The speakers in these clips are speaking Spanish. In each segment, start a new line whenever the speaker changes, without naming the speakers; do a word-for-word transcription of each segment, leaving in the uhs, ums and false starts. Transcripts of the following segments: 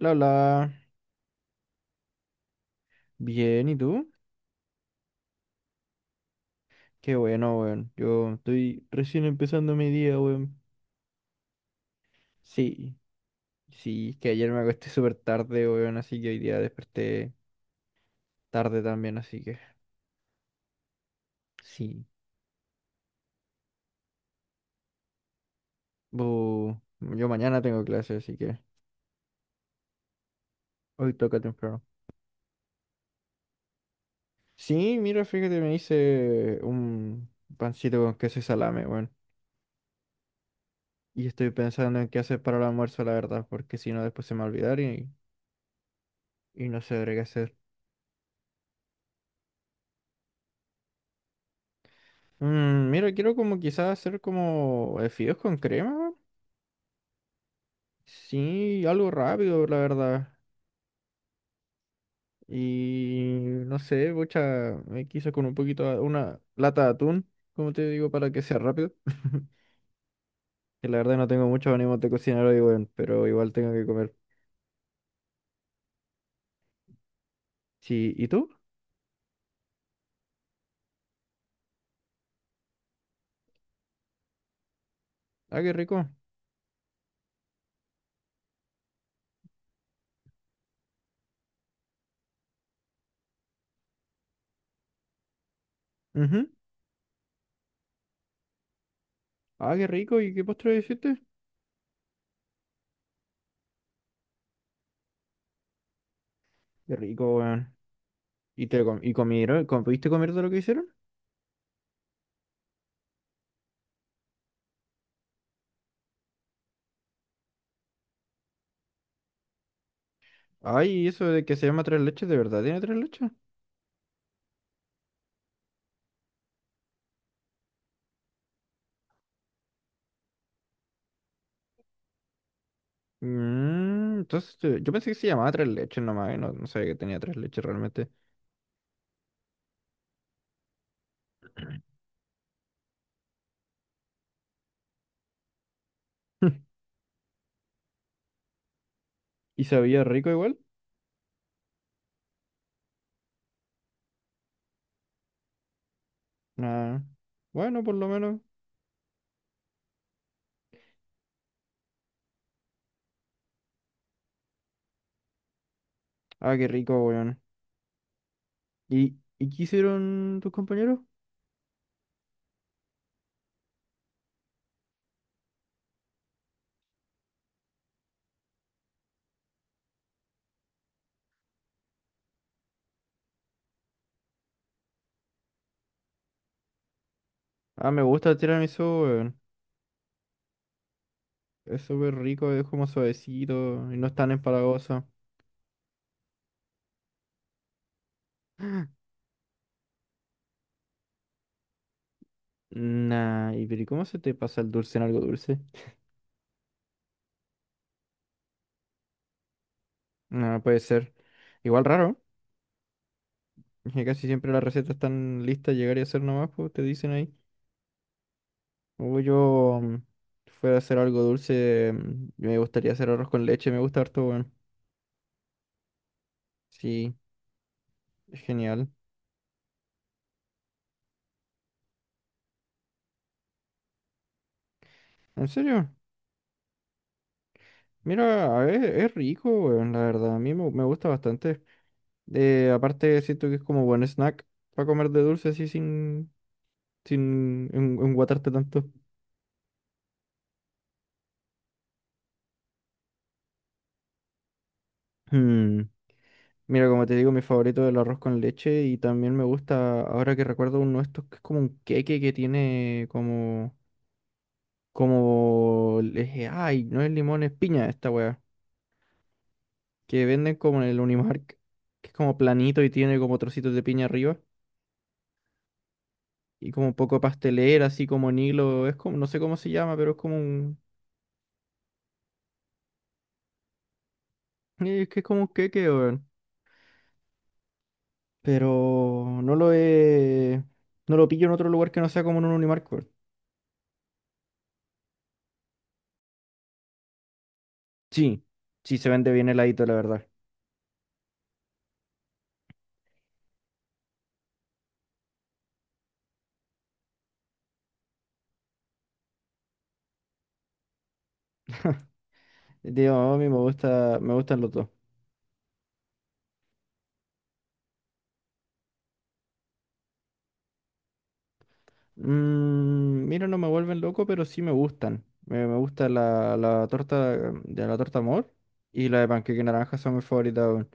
La, la. Bien, ¿y tú? Qué bueno, weón. Yo estoy recién empezando mi día, weón. Sí, sí, es que ayer me acosté súper tarde, weón, así que hoy día desperté tarde también, así que sí. Bu, yo mañana tengo clase, así que hoy toca temprano. Sí, mira, fíjate, me hice un pancito con queso y salame, weón. Y estoy pensando en qué hacer para el almuerzo, la verdad, porque si no después se me va a olvidar y, y no sabré qué hacer. Mm, mira, quiero como quizás hacer como eh, fideos con crema. Sí, algo rápido, la verdad. Y no sé, mucha, quizás con un poquito, de- una lata de atún, como te digo, para que sea rápido. Que la verdad no tengo mucho ánimo de cocinar hoy, weón, pero igual tengo que comer. Sí, ¿y tú? Ah, qué rico. Ujú. Ah, qué rico. ¿Y qué postre hiciste? Qué rico, weón. ¿Y te com- ¿y comieron? com- ¿Pudiste comer de lo que hicieron? Ay, ¿y eso de que se llama tres leches, de verdad tiene tres leches? Mm, entonces eh, yo pensé que se llamaba tres leches nomás, y no, no sabía que tenía tres leches realmente. ¿Y sabía rico igual? Nah. Bueno, por lo menos. Ah, qué rico, weón. ¿Y, y qué hicieron tus compañeros? Ah, me gusta el tiramisú, weón. Es súper rico, es como suavecito y no es tan empalagoso. Nah, ¿y pero ¿y cómo se te pasa el dulce en algo dulce? No puede ser. Igual raro, que casi siempre las recetas están listas, llegar y hacer nomás, pues te dicen ahí. Uy, yo mm, si fuera a hacer algo dulce, mm, me gustaría hacer arroz con leche, me gusta harto, weón. Sí, es genial. En serio, mira, a ver, es rico, weón, la verdad, a mí me, me gusta bastante. Eh, aparte, siento que es como buen snack para comer de dulce así sin, sin en- enguatarte tanto. Hmm, mira, como te digo, mi favorito es el arroz con leche y también me gusta, ahora que recuerdo uno de estos que es como un queque que tiene como... Como le dije, ay, no es limón, es piña esta weá. Que venden como en el Unimark, que es como planito y tiene como trocitos de piña arriba. Y como un poco pastelera, así como en hilo. Es como, no sé cómo se llama, pero es como un. eh, Es que es como un queque, weón. Pero no lo he. No lo pillo en otro lugar que no sea como en un Unimark, weón. Sí, sí se vende bien heladito, la verdad. Digo, a mí me gusta, me gustan los dos. Mm, mira, no me vuelven loco, pero sí me gustan. Me, me gusta la, la torta de la torta amor y la de panqueque naranja son mis favoritas, weón.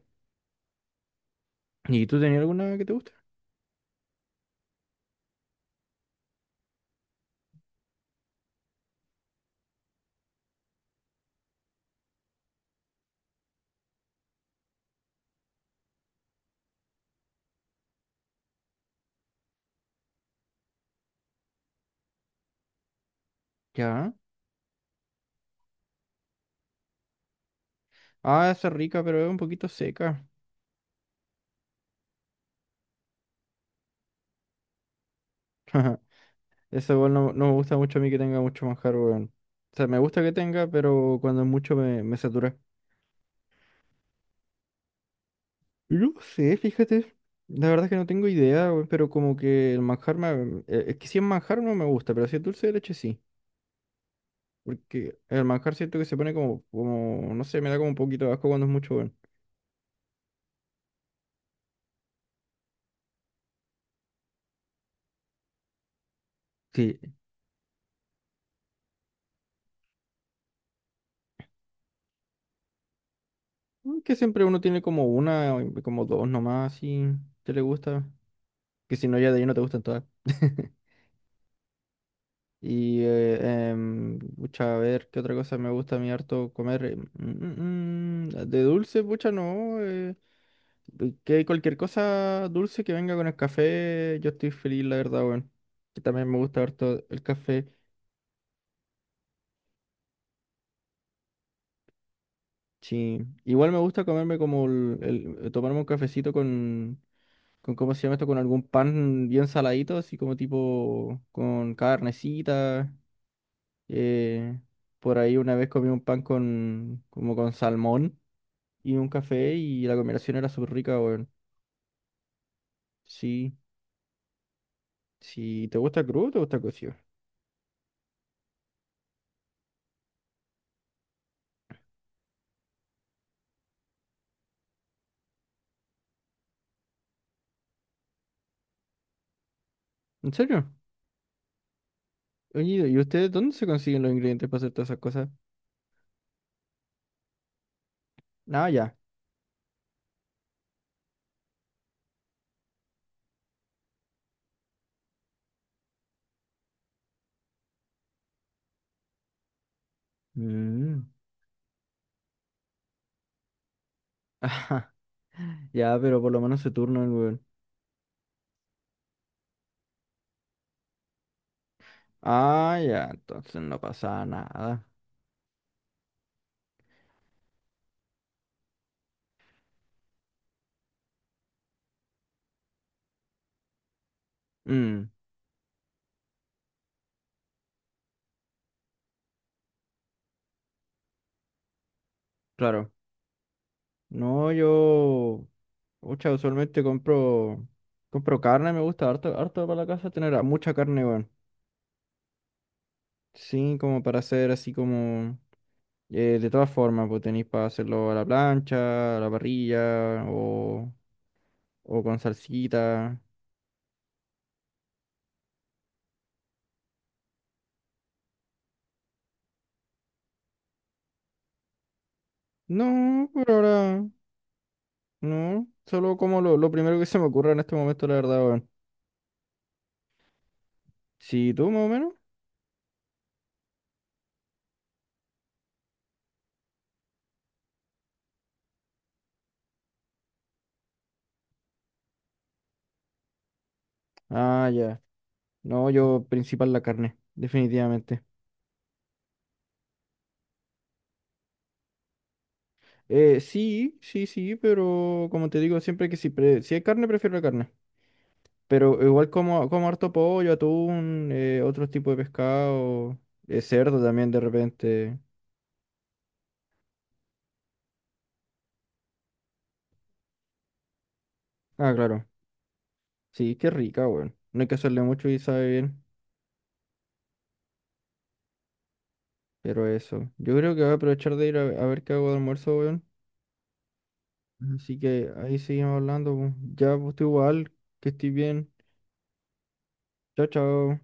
¿Y tú tenías alguna que te guste? Ya. Ah, esa es rica, pero es un poquito seca. Esa igual no, no me gusta mucho a mí que tenga mucho manjar, weón. O sea, me gusta que tenga, pero cuando es mucho me, me satura. No sé, fíjate. La verdad es que no tengo idea, weón, pero como que el manjar me... eh, Es que si es manjar no me gusta, pero si es dulce de leche sí. Porque el manjar siento que se pone como, como, no sé, me da como un poquito de asco cuando es mucho, weón. Sí, que siempre uno tiene como una, o como dos nomás, si te le gusta. Que si no, ya de ahí no te gustan todas. Y, eh, em, pucha, a ver, ¿qué otra cosa me gusta a mí harto comer? Eh, mm, mm, mm, de dulce, pucha, no. Eh, que cualquier cosa dulce que venga con el café, yo estoy feliz, la verdad, weón. Que también me gusta harto el café. Sí, igual me gusta comerme como el, el- eh, tomarme un cafecito con, con, ¿cómo se llama esto? Con algún pan bien saladito, así como tipo con carnecita. eh, por ahí una vez comí un pan con, como con salmón y un café y la combinación era súper rica, weón. Sí, sí, ¿te gusta crudo o te gusta cocido? ¿En serio? Oye, ¿y ustedes dónde se consiguen los ingredientes para hacer todas esas cosas? No, ya. Mm. Ajá, ya, pero por lo menos se turnan, weón. Ah, ya, entonces no pasaba nada. Mm, claro. No, yo. Pucha, usualmente compro. Compro carne, me gusta harto, harto para la casa tener a- mucha carne, weón. Sí, como para hacer así como. Eh, de todas formas, pues tenéis para hacerlo a la plancha, a la parrilla, o, o con salsita. No, por ahora. No, solo como lo, lo primero que se me ocurra en este momento, la verdad, weón. Sí, tú más o menos. Ah, ya. No, yo principal la carne, definitivamente. Eh, sí, sí, sí, pero como te digo, siempre que si, pre- si hay carne, prefiero la carne. Pero igual como, como harto pollo, atún, eh, otros tipos de pescado, eh, cerdo también de repente. Ah, claro. Sí, qué rica, weón. No hay que hacerle mucho y sabe bien. Pero eso. Yo creo que voy a aprovechar de ir a, a ver qué hago de almuerzo, weón. Así que ahí seguimos hablando, po. Ya, pues tú igual, que estés bien. Chao, chao.